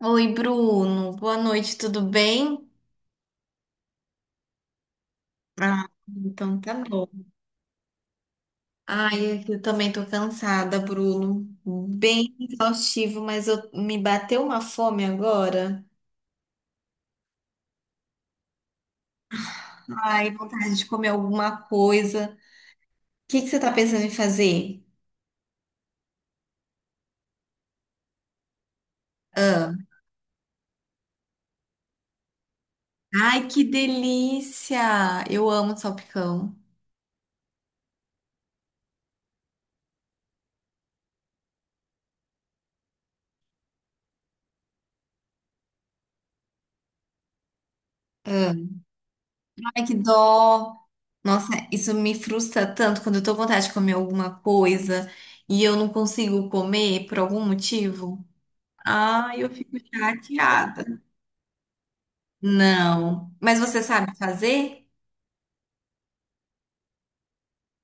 Oi, Bruno. Boa noite, tudo bem? Ah, então tá bom. Ai, eu também tô cansada, Bruno. Bem exaustivo, mas me bateu uma fome agora. Ai, vontade de comer alguma coisa. O que que você tá pensando em fazer? Ah. Ai, que delícia! Eu amo salpicão. Ah. Ai, que dó! Nossa, isso me frustra tanto quando eu tô com vontade de comer alguma coisa e eu não consigo comer por algum motivo. Ah, eu fico chateada. Não. Mas você sabe fazer?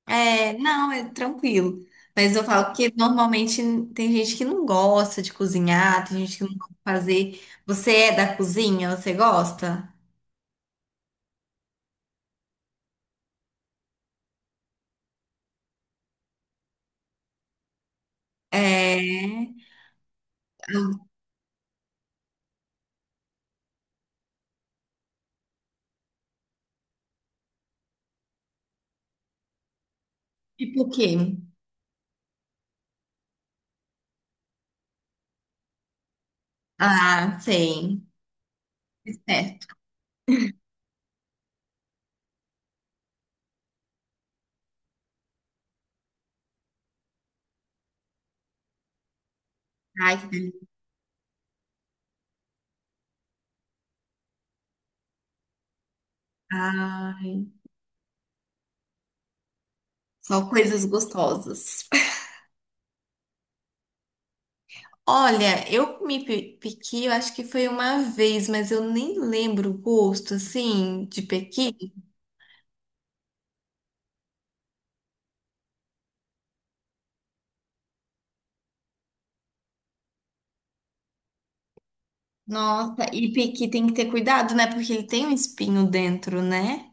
É, não, é tranquilo. Mas eu falo que normalmente tem gente que não gosta de cozinhar, tem gente que não gosta de fazer. Você é da cozinha? Você gosta? É. Tipo o quê? Ah, sei. Certo. Ai, que delícia. Ai, só coisas gostosas. Olha, pequi, eu acho que foi uma vez, mas eu nem lembro o gosto, assim, de pequi. Nossa, que tem que ter cuidado, né? Porque ele tem um espinho dentro, né?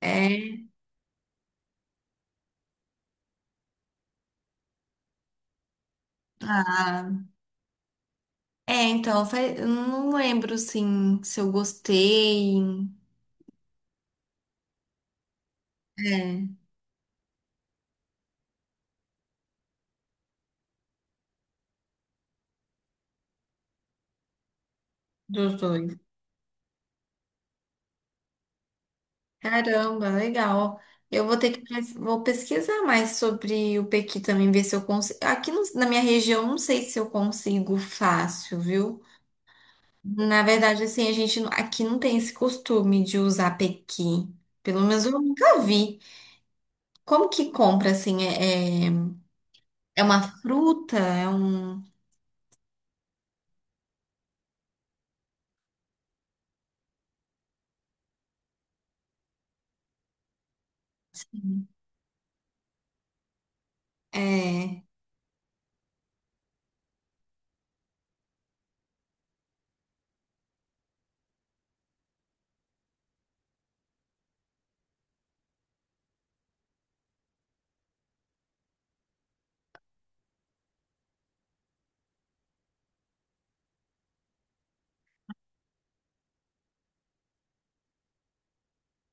É. Ah, é, então, eu não lembro, assim, se eu gostei. É, dos dois. Caramba, legal. Eu vou ter que vou pesquisar mais sobre o pequi também, ver se eu consigo. Aqui no- Na minha região, não sei se eu consigo fácil, viu? Na verdade, assim, a gente não- aqui não tem esse costume de usar pequi. Pelo menos eu nunca vi. Como que compra, assim, é... É uma fruta? É um. É.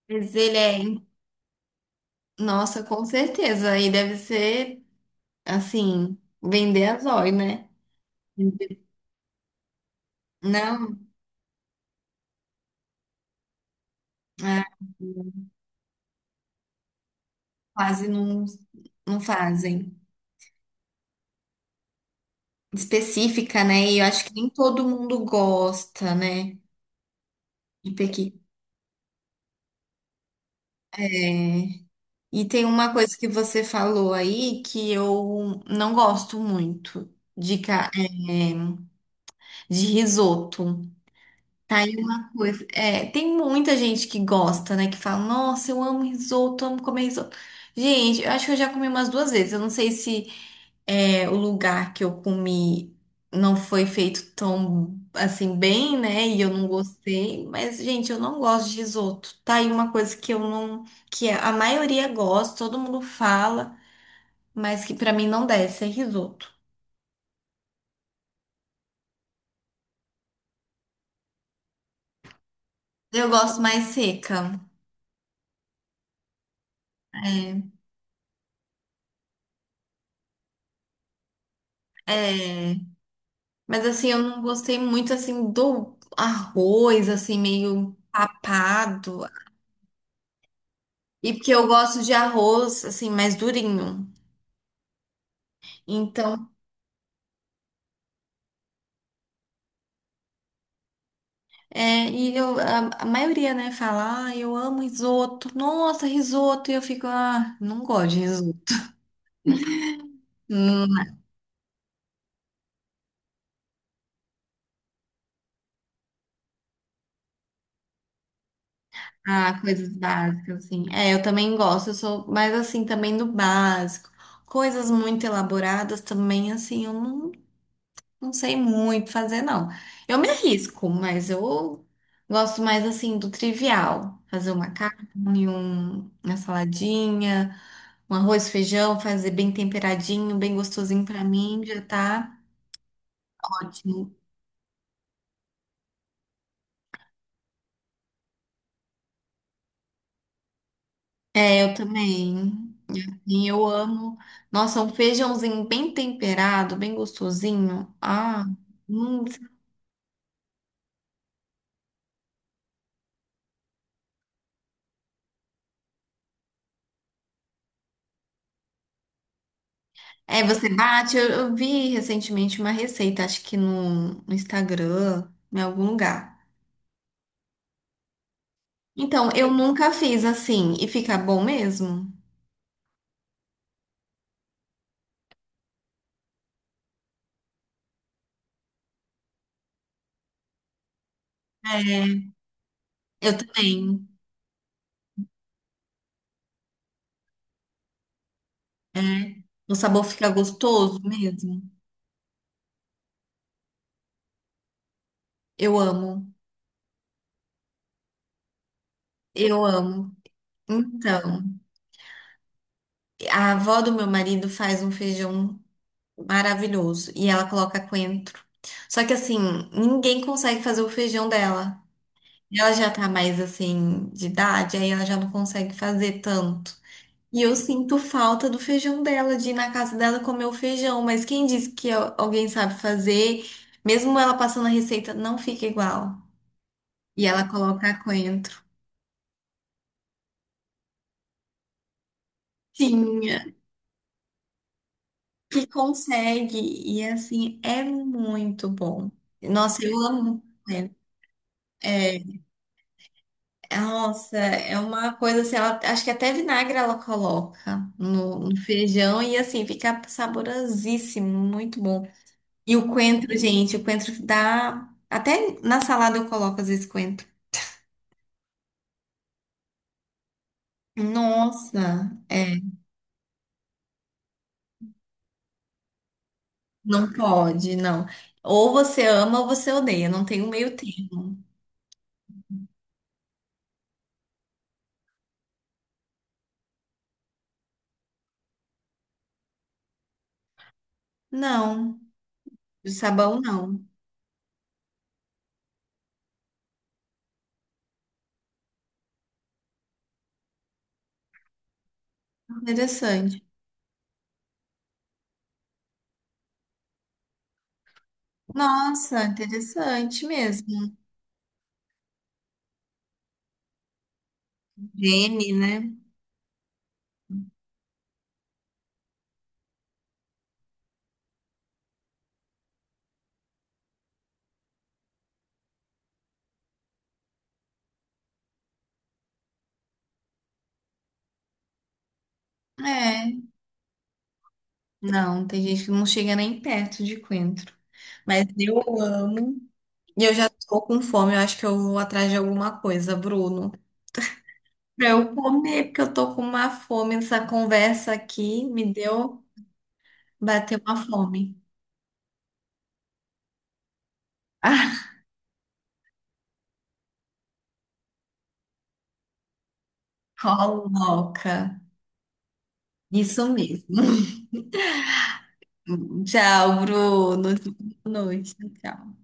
Mas ele é. Nossa, com certeza. Aí deve ser, assim, vender a zóio, né? Não, ah, quase não, não fazem. Específica, né? E eu acho que nem todo mundo gosta, né? De pequité. E tem uma coisa que você falou aí que eu não gosto muito de, de risoto. Tá aí uma coisa. É, tem muita gente que gosta, né? Que fala, nossa, eu amo risoto, amo comer risoto. Gente, eu acho que eu já comi umas duas vezes. Eu não sei se é, o lugar que eu comi não foi feito tão assim bem, né? E eu não gostei. Mas, gente, eu não gosto de risoto. Tá aí uma coisa que eu não. Que a maioria gosta, todo mundo fala, mas que pra mim não desce, é risoto. Eu gosto mais seca. É. É. Mas assim, eu não gostei muito assim do arroz, assim, meio papado. E porque eu gosto de arroz, assim, mais durinho. Então, é, e a maioria, né, fala, ah, eu amo risoto. Nossa, risoto. E eu fico, ah, não gosto de risoto. Hum, ah, coisas básicas, assim. É, eu também gosto, eu sou mais assim, também do básico. Coisas muito elaboradas também, assim, eu não. Não sei muito fazer, não. Eu me arrisco, mas eu gosto mais assim do trivial. Fazer uma carne, uma saladinha, um arroz, feijão, fazer bem temperadinho, bem gostosinho pra mim, já tá ótimo. É, eu também. E eu amo. Nossa, um feijãozinho bem temperado, bem gostosinho. Ah, hum. É, você bate. Eu vi recentemente uma receita, acho que no Instagram, em algum lugar. Então, eu nunca fiz assim e fica bom mesmo. É, eu também. É. O sabor fica gostoso mesmo. Eu amo. Eu amo. Então, a avó do meu marido faz um feijão maravilhoso e ela coloca coentro. Só que assim, ninguém consegue fazer o feijão dela. Ela já tá mais assim de idade, aí ela já não consegue fazer tanto. E eu sinto falta do feijão dela, de ir na casa dela comer o feijão. Mas quem disse que alguém sabe fazer, mesmo ela passando a receita, não fica igual. E ela coloca coentro. Tinha, que consegue. E assim, é muito bom. Nossa, eu amo coentro. É, é, nossa, é uma coisa assim, ela, acho que até vinagre ela coloca no feijão e assim, fica saborosíssimo, muito bom. E o coentro, gente, o coentro dá. Até na salada eu coloco às vezes coentro. Nossa, é, não pode, não. Ou você ama ou você odeia, não tem um meio termo. Não, de sabão não. Interessante. Nossa, interessante mesmo. Gene, né? É, não, tem gente que não chega nem perto de coentro. Mas eu amo. E eu já tô com fome, eu acho que eu vou atrás de alguma coisa, Bruno. Pra eu comer, porque eu tô com uma fome. Essa conversa aqui me deu, bateu uma fome. Ah, coloca. Isso mesmo. Tchau, Bruno. Boa noite. Tchau.